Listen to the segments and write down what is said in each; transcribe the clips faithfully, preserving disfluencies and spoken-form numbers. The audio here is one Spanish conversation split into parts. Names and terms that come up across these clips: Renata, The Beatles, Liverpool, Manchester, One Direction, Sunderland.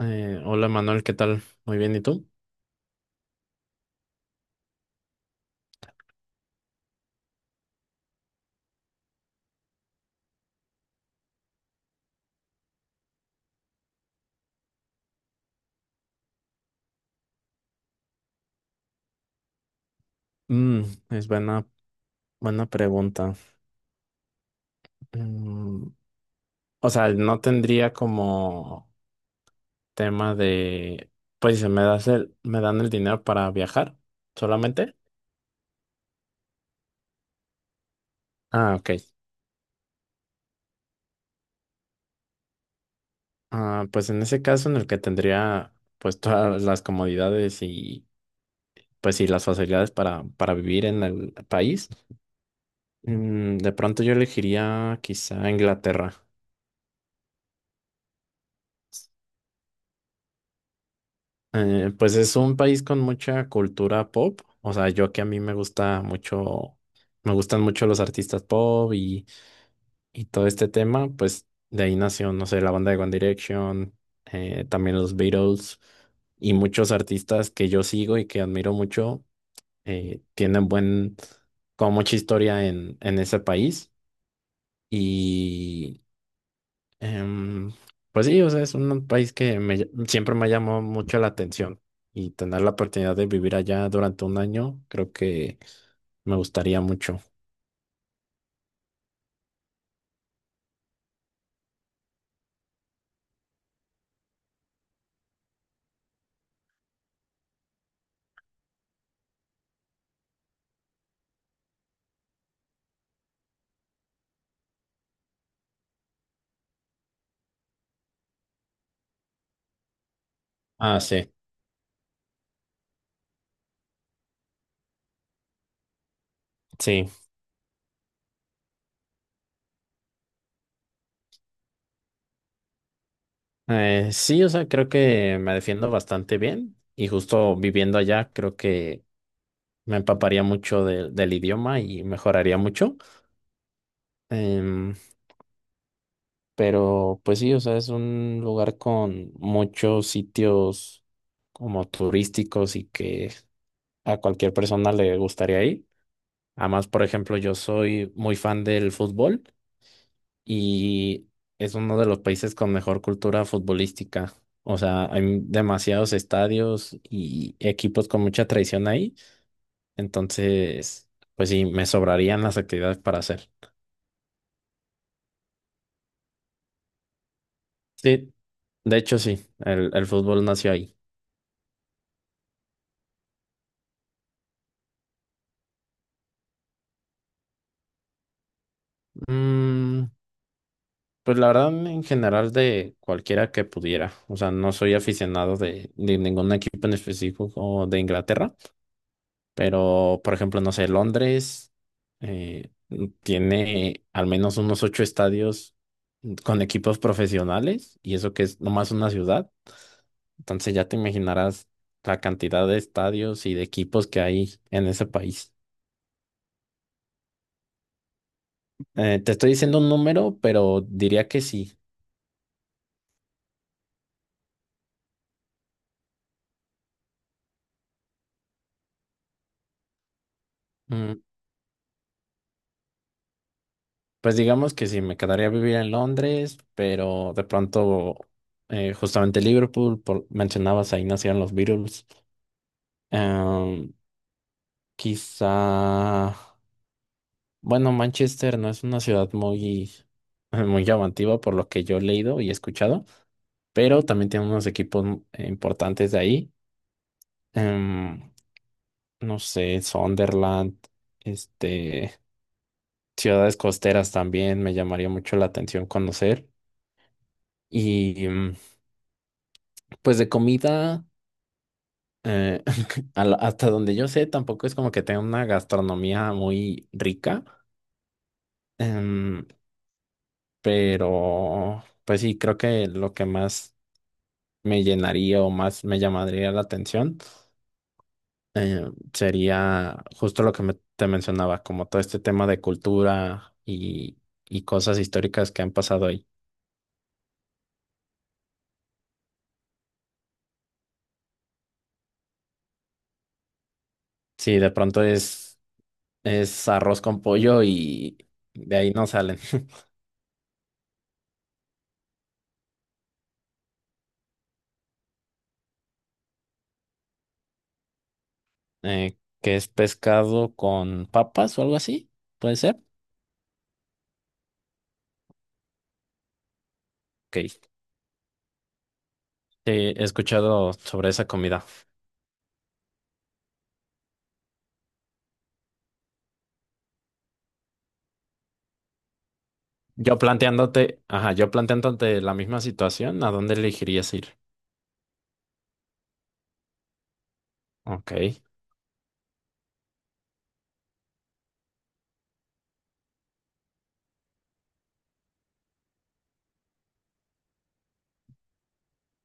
Eh, hola Manuel, ¿qué tal? Muy bien, ¿y tú? Mm, es buena, buena pregunta. Mm, o sea, no tendría como tema de, pues si me das el, me dan el dinero para viajar solamente. Ah, ok. Ah, pues en ese caso en el que tendría pues todas las comodidades y pues y las facilidades para, para vivir en el país, mm, de pronto yo elegiría quizá Inglaterra. Eh, pues es un país con mucha cultura pop. O sea, yo que a mí me gusta mucho, me gustan mucho los artistas pop y, y todo este tema, pues de ahí nació, no sé, la banda de One Direction, eh, también los Beatles y muchos artistas que yo sigo y que admiro mucho, eh, tienen buen, como mucha historia en, en ese país. Em, pues sí, o sea, es un país que me ll- siempre me ha llamado mucho la atención y tener la oportunidad de vivir allá durante un año, creo que me gustaría mucho. Ah, sí, sí. Eh, sí, o sea, creo que me defiendo bastante bien y justo viviendo allá creo que me empaparía mucho del del idioma y mejoraría mucho. Em, pero pues sí, o sea, es un lugar con muchos sitios como turísticos y que a cualquier persona le gustaría ir. Además, por ejemplo, yo soy muy fan del fútbol y es uno de los países con mejor cultura futbolística. O sea, hay demasiados estadios y equipos con mucha tradición ahí. Entonces, pues sí, me sobrarían las actividades para hacer. Sí, de hecho sí, el, el fútbol nació ahí. Mm, pues la verdad, en general de cualquiera que pudiera. O sea, no soy aficionado de, de ningún equipo en específico de Inglaterra. Pero, por ejemplo, no sé, Londres eh, tiene al menos unos ocho estadios con equipos profesionales y eso que es nomás una ciudad. Entonces ya te imaginarás la cantidad de estadios y de equipos que hay en ese país. Eh, te estoy diciendo un número, pero diría que sí. Mm, Pues digamos que sí, me quedaría a vivir en Londres, pero de pronto, eh, justamente Liverpool, por, mencionabas ahí nacieron los Beatles. Em, Quizá, bueno, Manchester no es una ciudad muy, muy llamativa por lo que yo he leído y escuchado, pero también tiene unos equipos eh, importantes de ahí. Em, no sé, Sunderland, este, ciudades costeras también me llamaría mucho la atención conocer. Y em, pues de comida, eh, a la- hasta donde yo sé, tampoco es como que tenga una gastronomía muy rica. Em, pero pues sí, creo que lo que más me llenaría o más me llamaría la atención eh, sería justo lo que me- te mencionaba, como todo este tema de cultura y, y cosas históricas que han pasado ahí. Sí, de pronto es, es arroz con pollo y de ahí no salen. Eh, ¿que es pescado con papas o algo así, puede ser? Ok, sí, he escuchado sobre esa comida. Yo planteándote, ajá, yo planteándote la misma situación, ¿a dónde elegirías ir? Ok,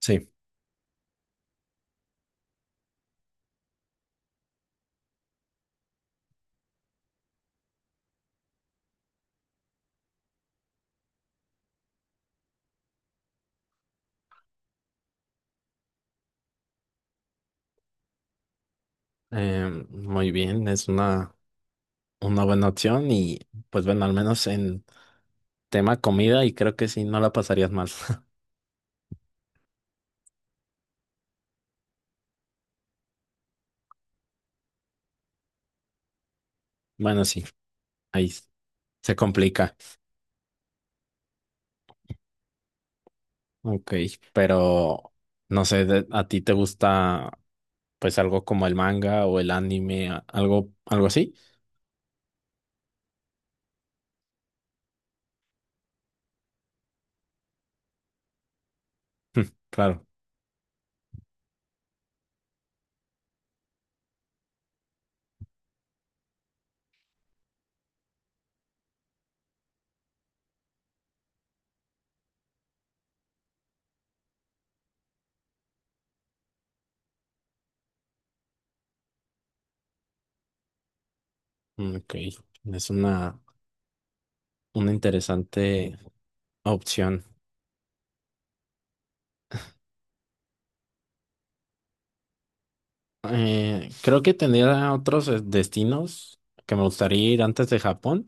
sí, em, muy bien, es una, una buena opción y pues bueno, al menos en tema comida y creo que sí, no la pasarías mal. Bueno, sí, ahí s- se complica. Ok, pero no sé, de- ¿a ti te gusta pues algo como el manga o el anime, a- algo, algo así? Claro, ok, es una, una interesante opción. Eh, creo que tendría otros eh, destinos que me gustaría ir antes de Japón,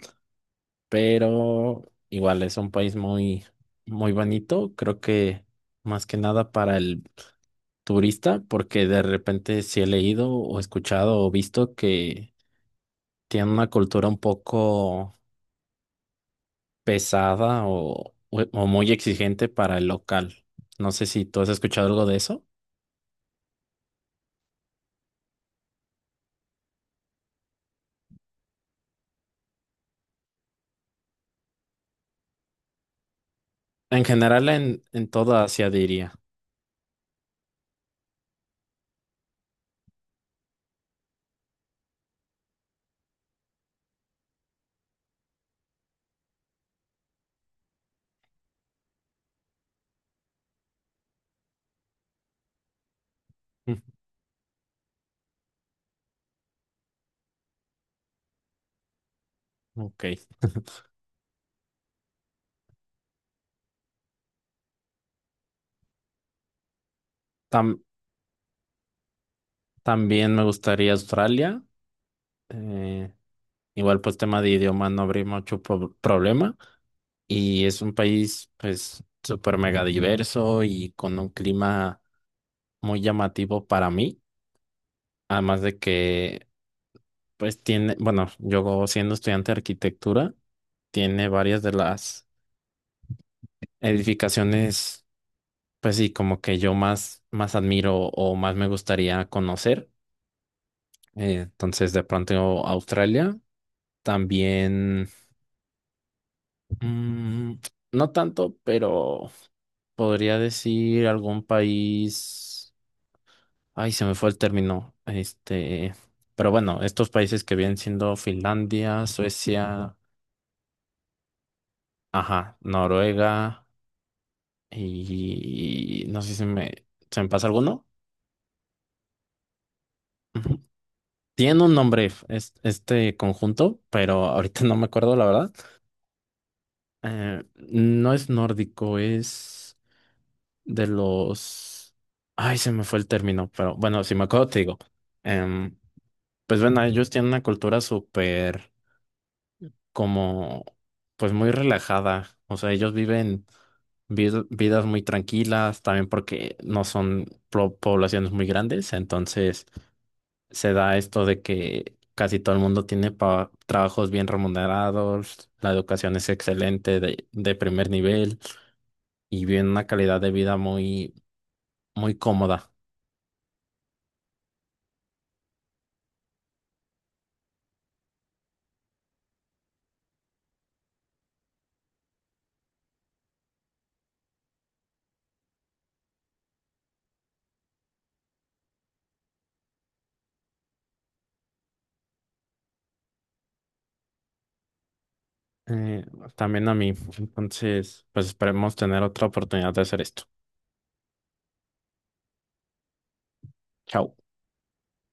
pero igual es un país muy, muy bonito. Creo que más que nada para el turista, porque de repente si he leído o escuchado o visto que tiene una cultura un poco pesada o, o o muy exigente para el local. No sé si tú has escuchado algo de eso. En general, en, en toda Asia diría. Mm, Ok. Tam- También me gustaría Australia. eh, Igual pues tema de idioma no habría mucho po- problema. Y es un país pues súper mega diverso y con un clima muy llamativo para mí. Además de que pues tiene, bueno, yo siendo estudiante de arquitectura, tiene varias de las edificaciones pues sí, como que yo más, más admiro o más me gustaría conocer. Eh, entonces de pronto Australia. También. Mm, no tanto, pero podría decir algún país. Ay, se me fue el término. Este, pero bueno, estos países que vienen siendo Finlandia, Suecia, ajá, Noruega y no sé si me se me pasa alguno. Ujú. Tiene un nombre es- este conjunto, pero ahorita no me acuerdo la verdad. Eh, no es nórdico, es de los... Ay, se me fue el término, pero bueno, si me acuerdo te digo. Em, pues bueno, ellos tienen una cultura súper como, pues muy relajada. O sea, ellos viven vid- vidas muy tranquilas, también porque no son pro- poblaciones muy grandes, entonces se da esto de que casi todo el mundo tiene pa- trabajos bien remunerados, la educación es excelente, de, de primer nivel, y viven una calidad de vida muy, muy cómoda. Eh, También a mí. Entonces, pues esperemos tener otra oportunidad de hacer esto. Chao.